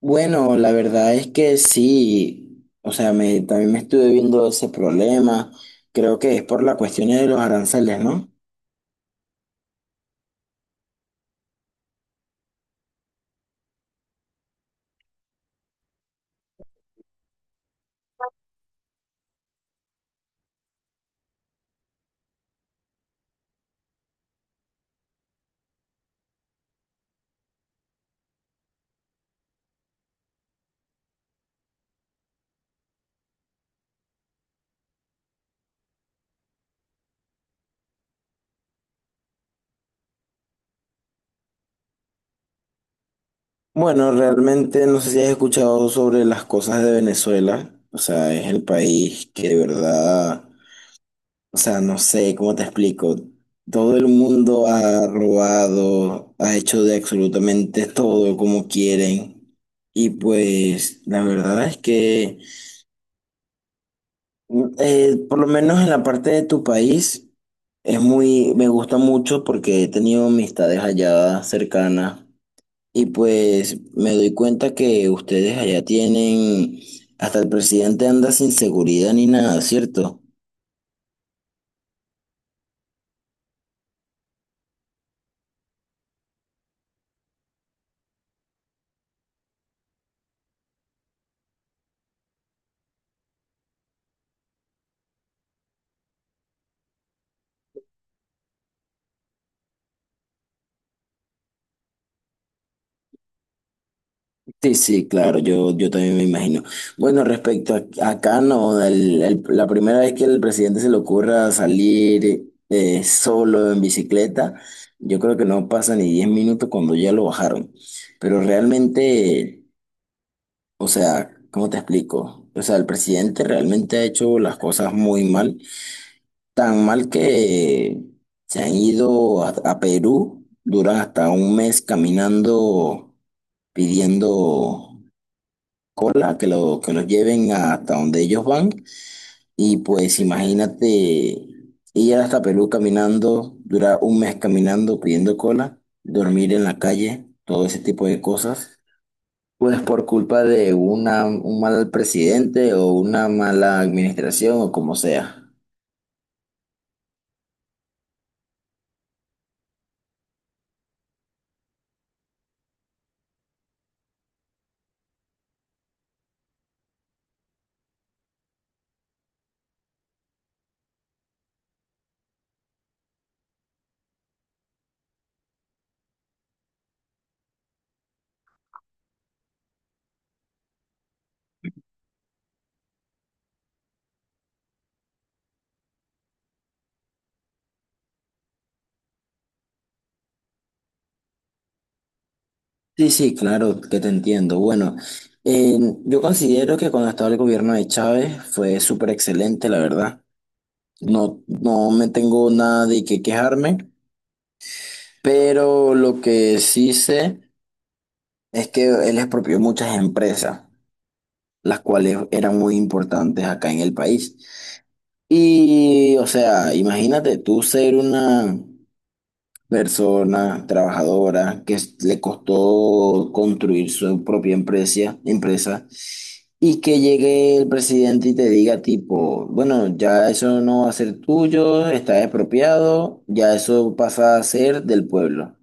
Bueno, la verdad es que sí, o sea, también me estuve viendo ese problema, creo que es por la cuestión de los aranceles, ¿no? Bueno, realmente no sé si has escuchado sobre las cosas de Venezuela, o sea, es el país que de verdad, o sea, no sé cómo te explico, todo el mundo ha robado, ha hecho de absolutamente todo como quieren, y pues la verdad es que... Por lo menos en la parte de tu país es muy, me gusta mucho porque he tenido amistades allá cercanas y pues me doy cuenta que ustedes allá tienen, hasta el presidente anda sin seguridad ni nada, ¿cierto? Sí, sí, claro, yo también me imagino. Bueno, acá, no, la primera vez que el presidente se le ocurra salir solo en bicicleta, yo creo que no pasa ni 10 minutos cuando ya lo bajaron. Pero realmente, o sea, ¿cómo te explico? O sea, el presidente realmente ha hecho las cosas muy mal, tan mal que se han ido a Perú, duran hasta un mes caminando pidiendo cola, que los lleven hasta donde ellos van. Y pues imagínate ir hasta Perú caminando, durar un mes caminando pidiendo cola, dormir en la calle, todo ese tipo de cosas. Pues por culpa de un mal presidente o una mala administración o como sea. Sí, sí, claro, que te entiendo. Bueno, eh, yo considero que cuando estaba el gobierno de Chávez fue súper excelente, la verdad. No, no me tengo nada de qué quejarme. Pero lo que sí sé es que él expropió muchas empresas, las cuales eran muy importantes acá en el país. Y, o sea, imagínate tú ser una persona trabajadora que le costó construir su propia empresa, empresa y que llegue el presidente y te diga tipo, bueno, ya eso no va a ser tuyo, está expropiado, ya eso pasa a ser del pueblo.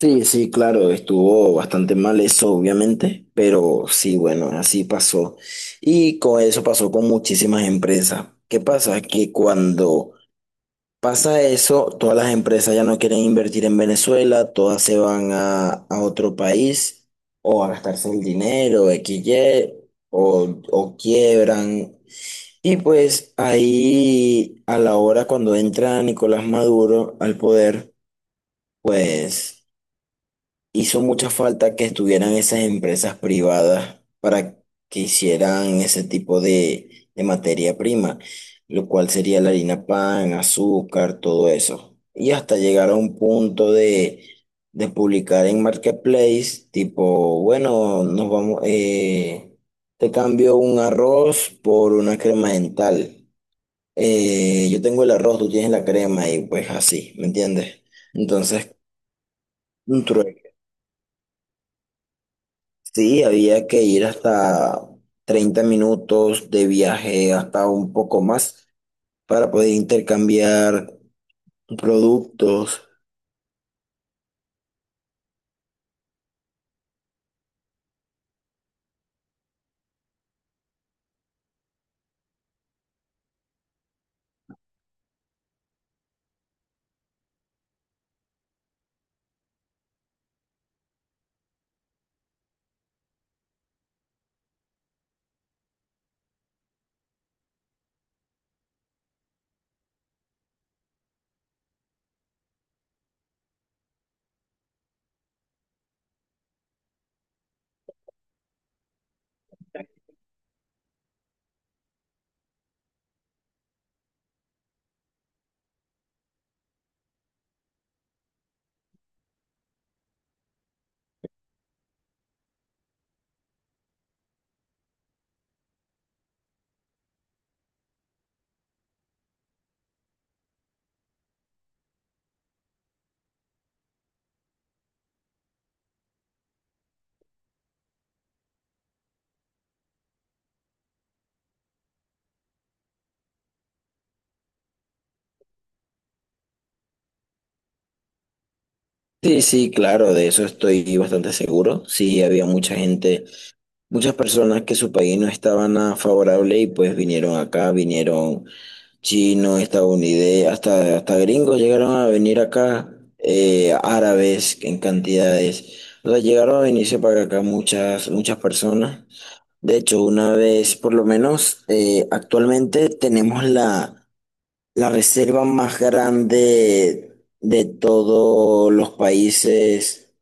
Sí, sí, claro, estuvo bastante mal eso, obviamente, pero sí, bueno, así pasó. Y con eso pasó con muchísimas empresas. ¿Qué pasa? Que cuando pasa eso, todas las empresas ya no quieren invertir en Venezuela, todas se van a otro país o a gastarse el dinero, X, Y, o quiebran. Y pues ahí, a la hora cuando entra Nicolás Maduro al poder, pues... Hizo mucha falta que estuvieran esas empresas privadas para que hicieran ese tipo de materia prima, lo cual sería la harina pan, azúcar, todo eso. Y hasta llegar a un punto de publicar en Marketplace, tipo, bueno, nos vamos, te cambio un arroz por una crema dental. Yo tengo el arroz, tú tienes la crema y pues así, ¿me entiendes? Entonces, un trueque. Sí, había que ir hasta 30 minutos de viaje, hasta un poco más, para poder intercambiar productos. Sí, sí, claro, de eso estoy bastante seguro. Sí, había mucha gente, muchas personas que su país no estaba nada favorable y pues vinieron acá, vinieron chinos, estadounidenses, hasta gringos llegaron a venir acá, árabes en cantidades. O sea, llegaron a venirse para acá muchas, muchas personas. De hecho, una vez, por lo menos, actualmente tenemos la reserva más grande de todos los países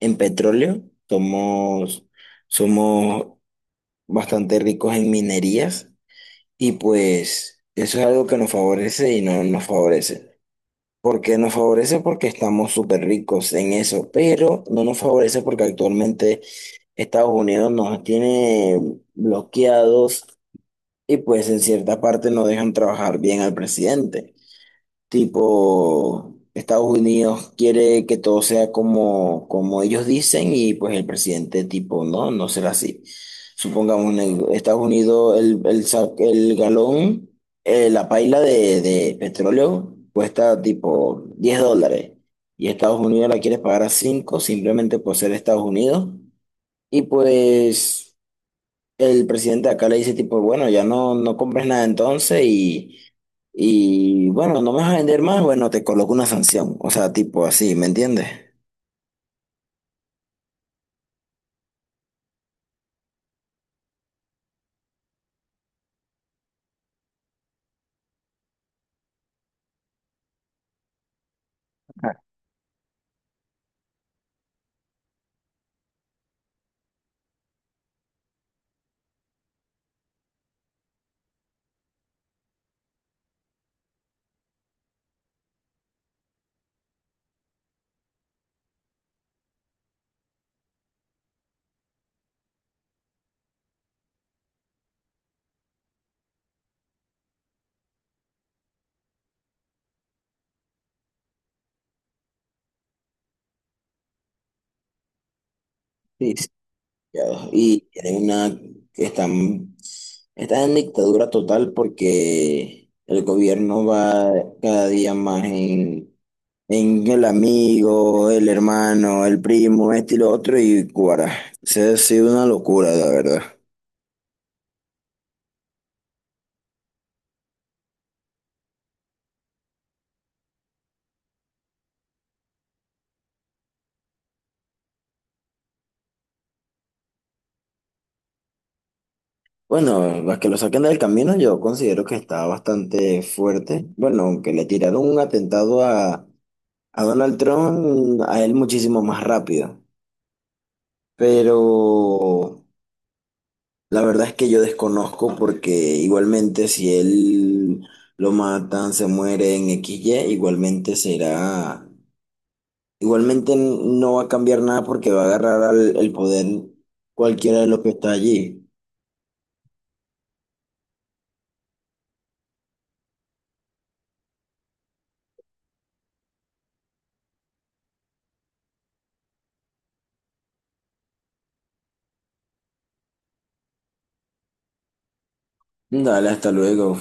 en petróleo. Somos, somos bastante ricos en minerías y pues eso es algo que nos favorece y no nos favorece. ¿Por qué nos favorece? Porque estamos súper ricos en eso, pero no nos favorece porque actualmente Estados Unidos nos tiene bloqueados. Y pues en cierta parte no dejan trabajar bien al presidente. Tipo, Estados Unidos quiere que todo sea como, como ellos dicen y pues el presidente tipo, no, no será así. Supongamos en Estados Unidos el galón, la paila de petróleo cuesta tipo $10 y Estados Unidos la quiere pagar a 5 simplemente por ser Estados Unidos. Y pues el presidente acá le dice tipo, bueno, ya no, no compres nada entonces y bueno, no me vas a vender más, bueno, te coloco una sanción. O sea, tipo así, ¿me entiendes? Sí, sí. Ya, y tienen que están en dictadura total porque el gobierno va cada día más en el amigo, el hermano, el primo, este y lo otro, y Cuara. Se ha sido una locura, la verdad. Bueno, a que lo saquen del camino yo considero que está bastante fuerte. Bueno, aunque le tiraron un atentado a Donald Trump, a él muchísimo más rápido. Pero la verdad es que yo desconozco porque igualmente si él lo matan, se muere en XY, igualmente será, igualmente no va a cambiar nada porque va a agarrar el poder cualquiera de los que está allí. Dale, hasta luego.